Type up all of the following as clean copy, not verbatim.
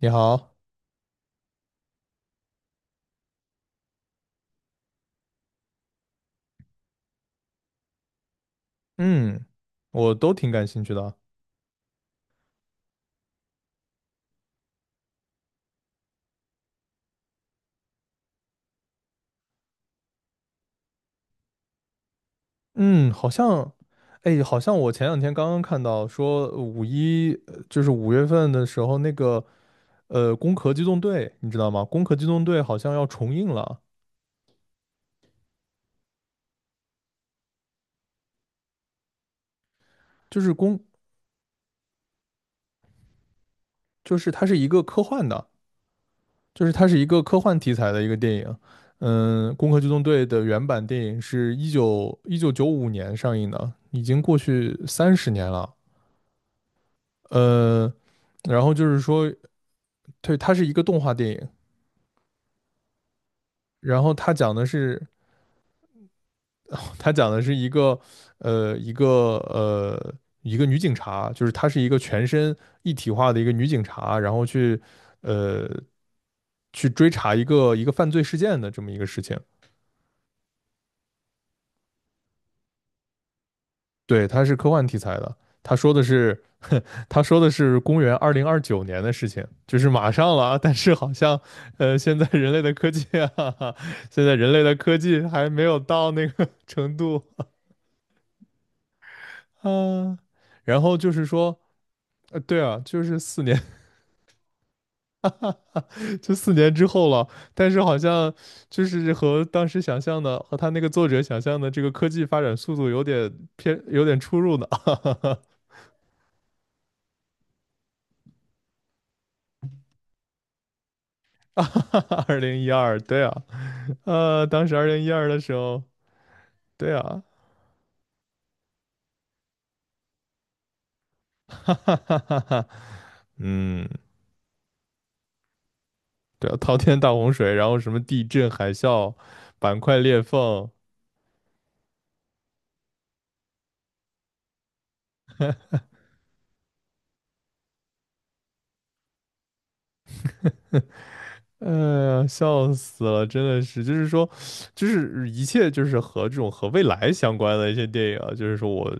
你好，嗯，我都挺感兴趣的啊。嗯，哎，好像我前两天刚刚看到说五一，就是5月份的时候，那个《攻壳机动队》，你知道吗？《攻壳机动队》好像要重映了，就是攻，就是它是一个科幻的，就是它是一个科幻题材的一个电影。嗯，《攻壳机动队》的原版电影是1995年上映的，已经过去30年了。呃，然后就是说，对，它是一个动画电影。然后他讲的是，他讲的是呃，一个呃，一个女警察，就是她是一个全身一体化的一个女警察，然后去，呃，去追查一个犯罪事件的这么一个事情。对，它是科幻题材的。他说的是，他说的是公元2029年的事情，就是马上了啊。但是好像，现在人类的科技啊。现在人类的科技还没有到那个 程度啊。然后就是说，对啊，就是四年，就四年之后了。但是好像就是和当时想象的，和他那个作者想象的这个科技发展速度有点偏，有点出入呢。二零一二，对啊。当时二零一二的时候，对啊。哈哈哈哈哈，嗯，对啊，滔天大洪水，然后什么地震、海啸、板块裂缝。哎呀，笑死了，真的是，就是说，就是一切就是和这种和未来相关的一些电影啊。就是说我，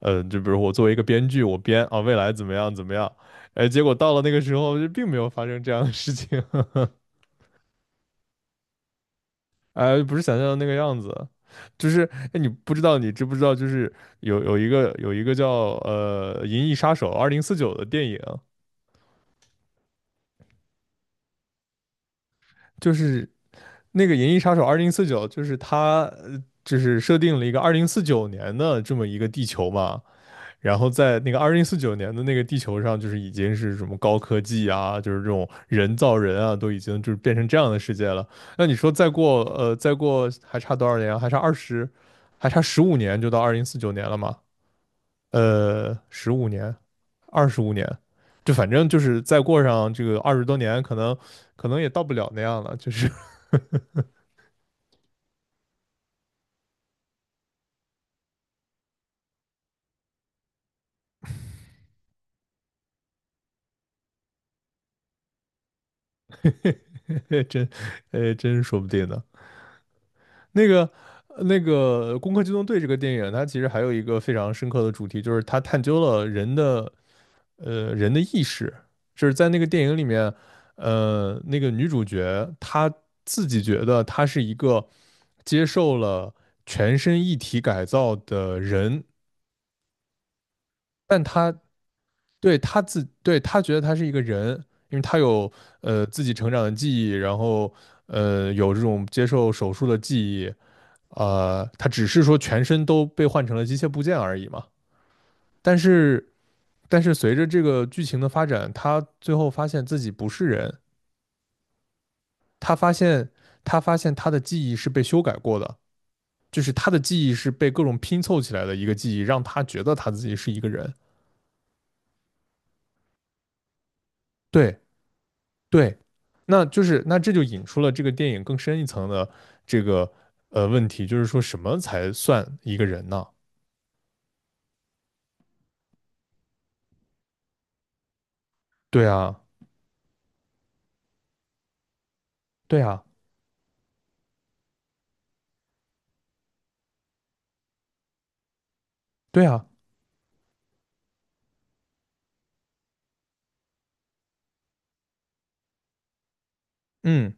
呃，就比如我作为一个编剧，我编啊未来怎么样怎么样。哎，结果到了那个时候就并没有发生这样的事情。哎，不是想象的那个样子。就是哎，你知不知道，就是有一个叫《银翼杀手二零四九》的电影。就是那个《银翼杀手二零四九》就是它，呃就是设定了一个二零四九年的这么一个地球嘛。然后在那个二零四九年的那个地球上，就是已经是什么高科技啊，就是这种人造人啊，都已经就是变成这样的世界了。那你说再过还差多少年啊，还差二十，还差十五年就到二零四九年了嘛？十五年，25年，就反正就是再过上这个20多年，可能也到不了那样了，就是。嘿 哎，真说不定呢。那个，那个《攻壳机动队》这个电影，它其实还有一个非常深刻的主题，就是它探究了人的意识。就是在那个电影里面，那个女主角她自己觉得她是一个接受了全身一体改造的人。但她对她自，对她觉得她是一个人，因为她有自己成长的记忆，然后。有这种接受手术的记忆。他只是说全身都被换成了机械部件而已嘛。但是，但是随着这个剧情的发展，他最后发现自己不是人。他发现他发现他的记忆是被修改过的，就是他的记忆是被各种拼凑起来的一个记忆，让他觉得他自己是一个人。对对。那这就引出了这个电影更深一层的这个问题，就是说什么才算一个人呢？对啊，对啊，对啊。嗯，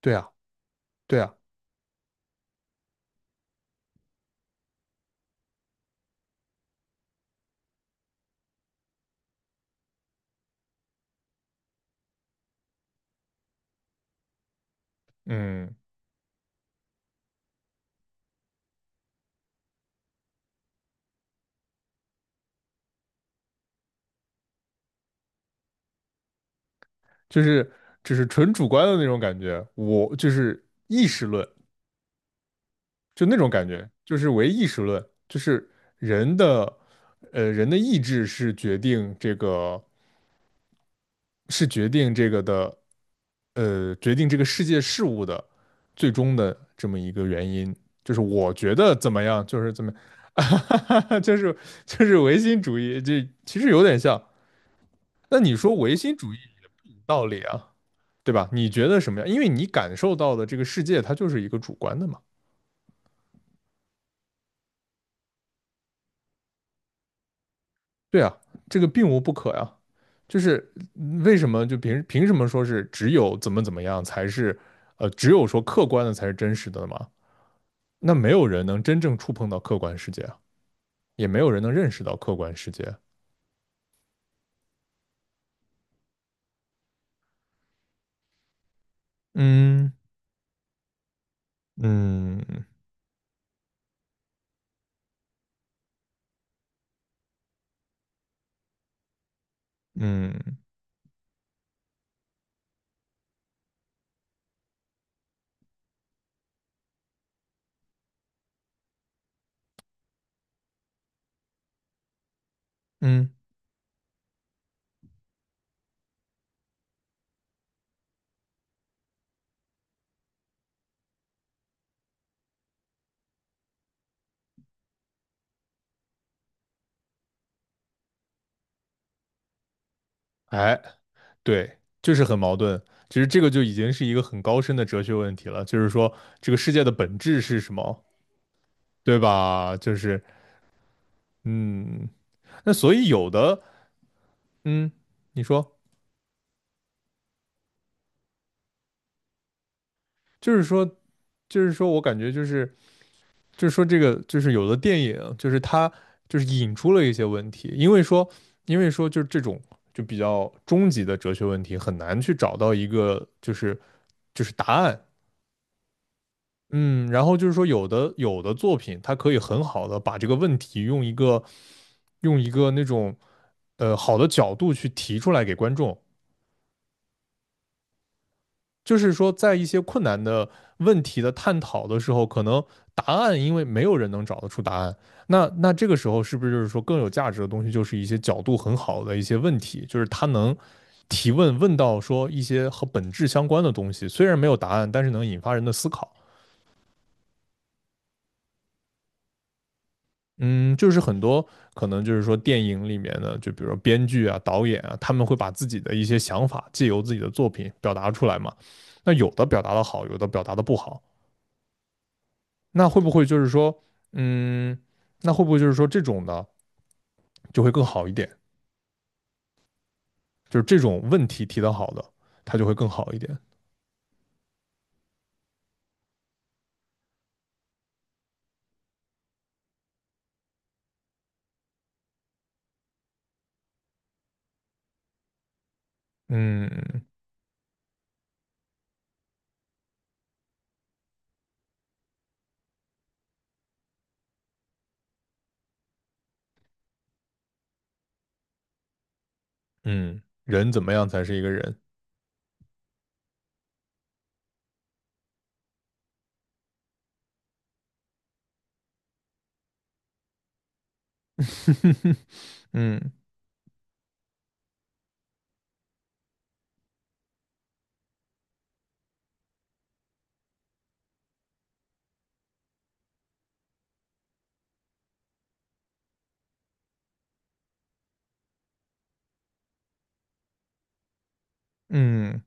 对啊，对啊。嗯。就是只是纯主观的那种感觉，我就是意识论，就那种感觉，就是唯意识论，就是人的，人的意志是决定这个，是决定这个的，决定这个世界事物的最终的这么一个原因。就是我觉得怎么样，就是怎么样， 就是唯心主义，这其实有点像。那你说唯心主义有道理啊，对吧？你觉得什么样？因为你感受到的这个世界，它就是一个主观的嘛。对啊，这个并无不可呀。就是为什么就凭什么说是只有怎么样才是，只有说客观的才是真实的嘛？那没有人能真正触碰到客观世界啊，也没有人能认识到客观世界。嗯嗯嗯嗯，哎，对，就是很矛盾。其实这个就已经是一个很高深的哲学问题了，就是说这个世界的本质是什么，对吧？就是嗯，那所以有的嗯，你说。就是说，就是说我感觉就是说这个就是有的电影就是它就是引出了一些问题。因为说就是这种就比较终极的哲学问题很难去找到一个就是答案。嗯，然后就是说有的作品它可以很好的把这个问题用一个那种好的角度去提出来给观众。就是说，在一些困难的问题的探讨的时候，可能答案因为没有人能找得出答案，那这个时候是不是就是说更有价值的东西，就是一些角度很好的一些问题，就是他能问到说一些和本质相关的东西，虽然没有答案，但是能引发人的思考。嗯，就是很多可能就是说电影里面的，就比如说编剧啊、导演啊，他们会把自己的一些想法借由自己的作品表达出来嘛。那有的表达的好，有的表达的不好。那会不会就是说，嗯，那会不会就是说这种的就会更好一点？就是这种问题提得好的，它就会更好一点。嗯嗯，人怎么样才是一个人？嗯嗯，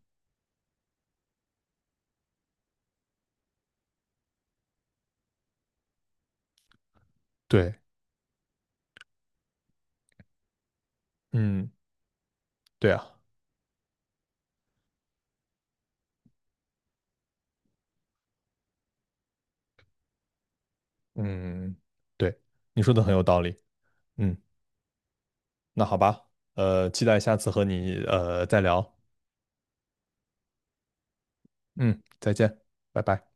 对，嗯对啊，嗯对，你说的很有道理。嗯，那好吧，期待下次和你再聊。嗯，再见，拜拜。